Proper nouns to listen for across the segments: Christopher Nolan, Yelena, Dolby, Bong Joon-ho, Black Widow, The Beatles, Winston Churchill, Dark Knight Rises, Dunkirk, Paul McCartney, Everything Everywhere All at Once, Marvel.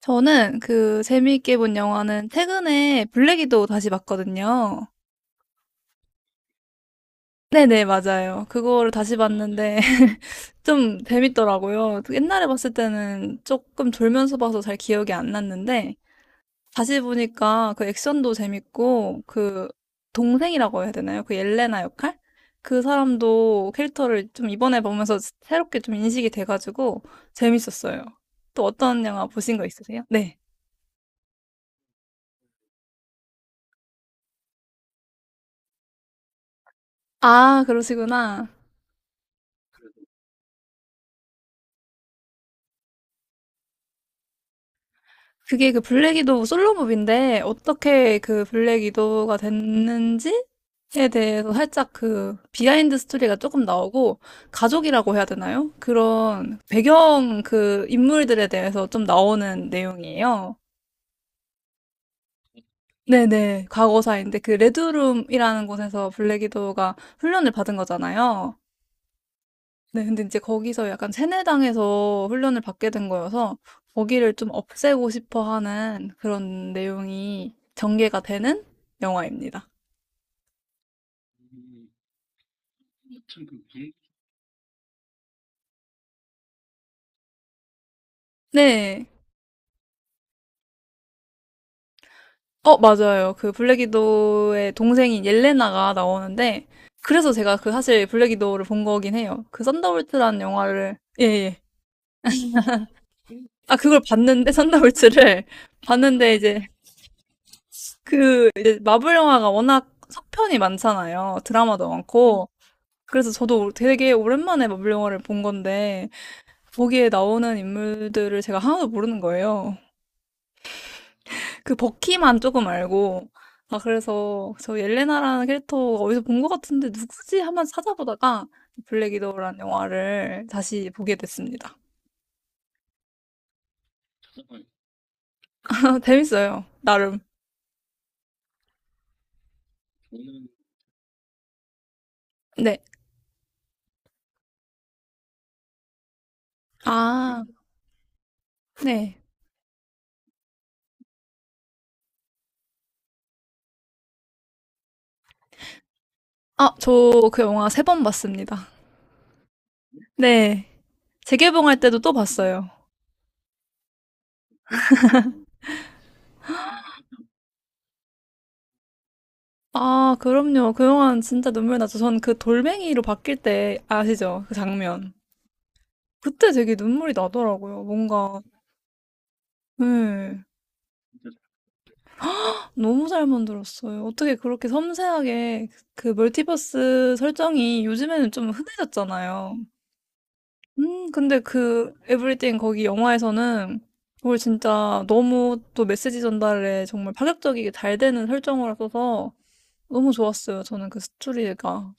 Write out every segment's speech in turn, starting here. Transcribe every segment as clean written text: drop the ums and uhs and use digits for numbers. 저는 그 재미있게 본 영화는 최근에 블랙이도 다시 봤거든요. 네네, 맞아요. 그거를 다시 봤는데 좀 재밌더라고요. 옛날에 봤을 때는 조금 졸면서 봐서 잘 기억이 안 났는데 다시 보니까 그 액션도 재밌고 그 동생이라고 해야 되나요? 그 옐레나 역할? 그 사람도 캐릭터를 좀 이번에 보면서 새롭게 좀 인식이 돼가지고 재밌었어요. 또 어떤 영화 보신 거 있으세요? 네. 아, 그러시구나. 그게 그 블랙 위도우 솔로몹인데 어떻게 그 블랙 위도우가 됐는지에 대해서 살짝 그 비하인드 스토리가 조금 나오고 가족이라고 해야 되나요? 그런 배경 그 인물들에 대해서 좀 나오는 내용이에요. 네네. 과거사인데 그 레드룸이라는 곳에서 블랙 위도우가 훈련을 받은 거잖아요. 네, 근데 이제 거기서 약간 세뇌당해서 훈련을 받게 된 거여서 거기를 좀 없애고 싶어 하는 그런 내용이 전개가 되는 영화입니다. 네. 어, 맞아요. 그 블랙 위도우의 동생인 옐레나가 나오는데 그래서 제가 그 사실 블랙 위도우를 본 거긴 해요. 그 썬더볼트라는 영화를 예, 예. 아, 그걸 봤는데 썬더볼트를 봤는데 이제 그 마블 영화가 워낙 속편이 많잖아요. 드라마도 많고. 그래서 저도 되게 오랜만에 마블 영화를 본 건데 거기에 나오는 인물들을 제가 하나도 모르는 거예요. 그 버키만 조금 알고 아 그래서 저 옐레나라는 캐릭터 어디서 본 것 같은데 누구지? 한번 찾아보다가 블랙 위도우라는 영화를 다시 보게 됐습니다. 재밌어요. 나름. 네. 아, 네. 아, 저 그 영화 세 번 봤습니다. 네. 재개봉할 때도 또 봤어요. 아, 그럼요. 그 영화는 진짜 눈물 나죠. 전 그 돌멩이로 바뀔 때 아시죠? 그 장면. 그때 되게 눈물이 나더라고요. 뭔가, 네. 너무 잘 만들었어요. 어떻게 그렇게 섬세하게 그 멀티버스 설정이 요즘에는 좀 흔해졌잖아요. 근데 그 에브리띵 거기 영화에서는 그걸 진짜 너무 또 메시지 전달에 정말 파격적이게 잘 되는 설정을 써서 너무 좋았어요. 저는 그 스토리가.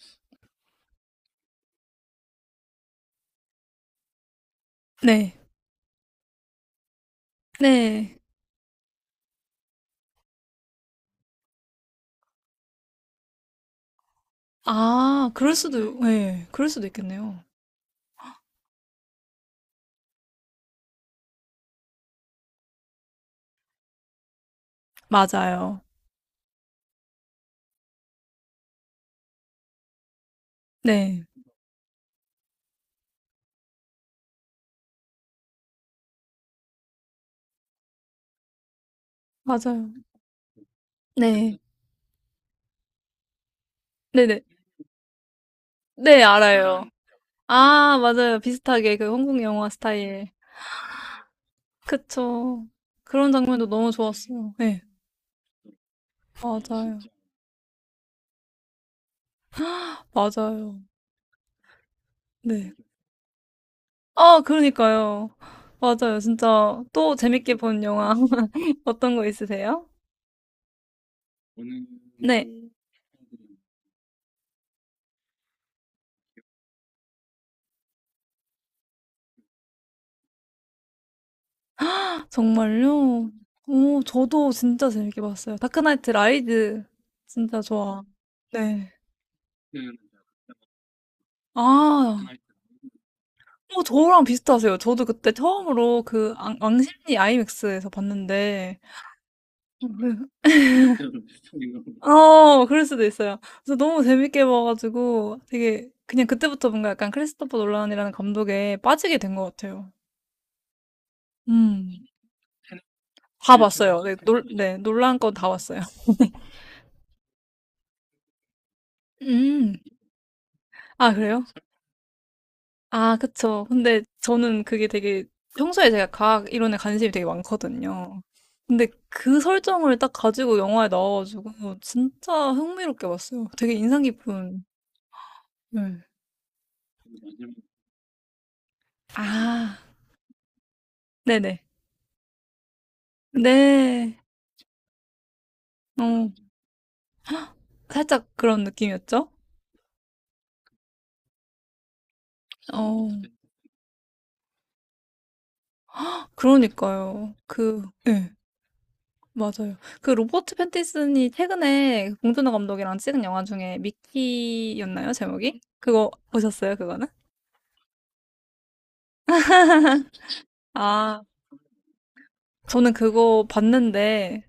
네. 네. 아 그럴 수도 예. 그럴 수도 있겠네요. 맞아요. 네. 맞아요. 네. 네네. 네 알아요. 아 맞아요. 비슷하게 그 한국 영화 스타일. 그쵸. 그런 장면도 너무 좋았어요. 네 맞아요. 맞아요. 네. 아 그러니까요. 맞아요. 진짜 또 재밌게 본 영화 어떤 거 있으세요? 네. 정말요? 오, 저도 진짜 재밌게 봤어요. 다크나이트 라이즈 진짜 좋아. 네. 아, 어, 저랑 비슷하세요. 저도 그때 처음으로 그 왕십리 아이맥스에서 봤는데, 네. 어, 그럴 수도 있어요. 그래서 너무 재밌게 봐가지고 되게 그냥 그때부터 뭔가 약간 크리스토퍼 놀란이라는 감독에 빠지게 된 것 같아요. 음, 다 봤어요. 네, 놀란 건 다 봤어요. 음, 아, 그래요? 아, 그쵸. 근데 저는 그게 되게 평소에 제가 과학 이론에 관심이 되게 많거든요. 근데 그 설정을 딱 가지고 영화에 나와가지고 진짜 흥미롭게 봤어요. 되게 인상 깊은. 네. 아, 네네. 네. 어, 살짝 그런 느낌이었죠? 어, 그러니까요. 그, 네, 맞아요. 그 로버트 패틴슨이 최근에 봉준호 감독이랑 찍은 영화 중에 미키였나요? 제목이? 그거 보셨어요? 그거는? 아 저는 그거 봤는데,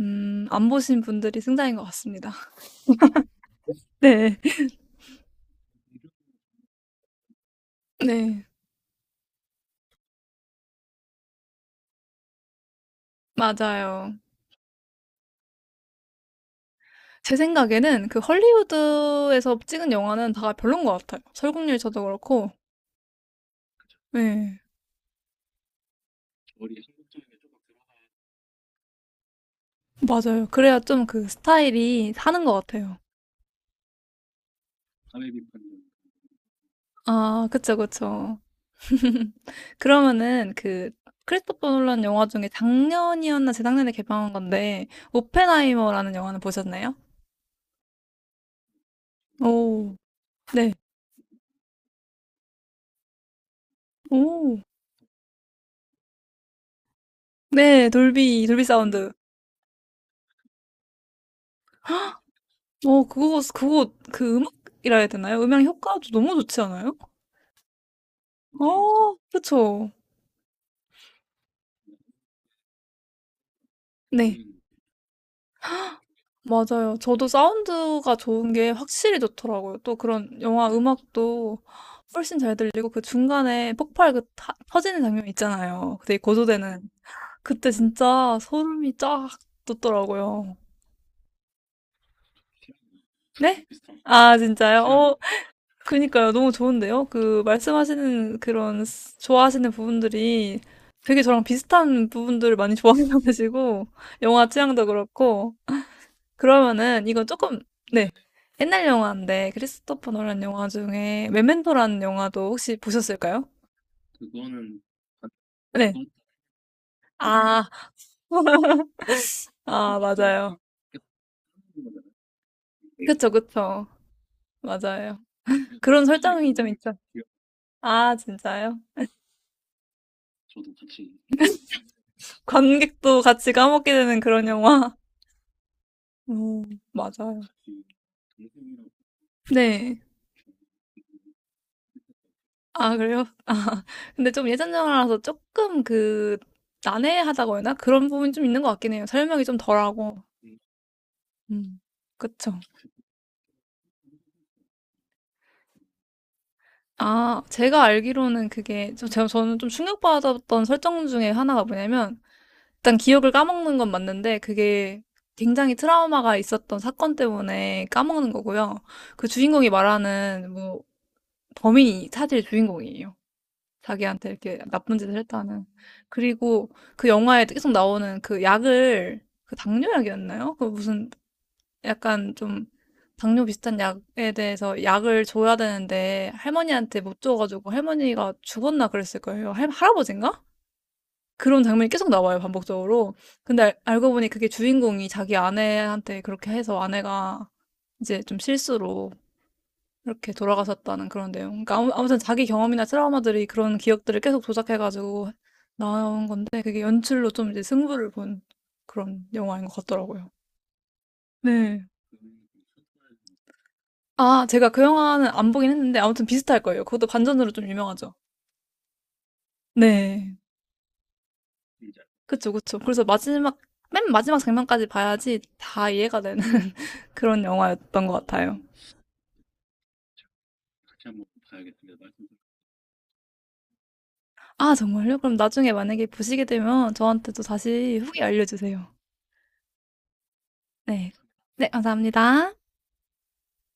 안 보신 분들이 승자인 것 같습니다. 네. 네. 맞아요. 제 생각에는 그 헐리우드에서 찍은 영화는 다 별론 것 같아요. 설국열이 저도 그렇고. 네. 맞아요. 그래야 좀 그 스타일이 사는 것 같아요. 아, 그쵸, 그쵸. 그러면은 그 크리스토퍼 놀란 영화 중에 작년이었나 재작년에 개방한 건데, 오펜하이머라는 영화는 보셨나요? 오, 네. 오, 네, 돌비, 돌비 사운드. 어, 그거, 그거, 그 음악이라 해야 되나요? 음향 효과도 너무 좋지 않아요? 아, 그쵸. 네. 맞아요. 저도 사운드가 좋은 게 확실히 좋더라고요. 또 그런 영화 음악도 훨씬 잘 들리고 그 중간에 폭발 그 터지는 장면 있잖아요. 되게 고조되는. 그때 진짜 소름이 쫙 돋더라고요. 네? 아, 진짜요? 어, 그니까요. 너무 좋은데요? 그, 말씀하시는 그런, 좋아하시는 부분들이 되게 저랑 비슷한 부분들을 많이 좋아하시고, 계시고, 영화 취향도 그렇고, 그러면은, 이건 조금, 네. 옛날 영화인데, 크리스토퍼 노란 영화 중에, 메멘토라는 영화도 혹시 보셨을까요? 네. 아, 아, 맞아요. 그쵸, 그쵸. 맞아요. 그런 설정이 좀 있죠. 아, 진짜요? 관객도 같이 까먹게 되는 그런 영화. 음, 맞아요. 네. 아 그래요? 아 근데 좀 예전 영화라서 조금 그 난해하다고 해야 나 그런 부분이 좀 있는 것 같긴 해요. 설명이 좀 덜하고. 음. 그쵸. 아 제가 알기로는 그게 저는 좀 충격받았던 설정 중에 하나가 뭐냐면 일단 기억을 까먹는 건 맞는데 그게 굉장히 트라우마가 있었던 사건 때문에 까먹는 거고요. 그 주인공이 말하는 뭐 범인이 사실 주인공이에요. 자기한테 이렇게 나쁜 짓을 했다는. 그리고 그 영화에 계속 나오는 그 약을, 그 당뇨약이었나요? 그 무슨 약간 좀 당뇨 비슷한 약에 대해서 약을 줘야 되는데 할머니한테 못 줘가지고 할머니가 죽었나 그랬을 거예요. 할아버지인가? 그런 장면이 계속 나와요, 반복적으로. 근데 알고 보니 그게 주인공이 자기 아내한테 그렇게 해서 아내가 이제 좀 실수로 이렇게 돌아가셨다는 그런 내용. 그러니까 아무튼 자기 경험이나 트라우마들이 그런 기억들을 계속 조작해가지고 나온 건데 그게 연출로 좀 이제 승부를 본 그런 영화인 것 같더라고요. 네. 아, 제가 그 영화는 안 보긴 했는데 아무튼 비슷할 거예요. 그것도 반전으로 좀 유명하죠. 네. 그쵸, 그쵸. 그래서 마지막, 맨 마지막 장면까지 봐야지 다 이해가 되는 그런 영화였던 것 같아요. 아, 정말요? 그럼 나중에 만약에 보시게 되면 저한테 또 다시 후기 알려주세요. 네. 네, 감사합니다.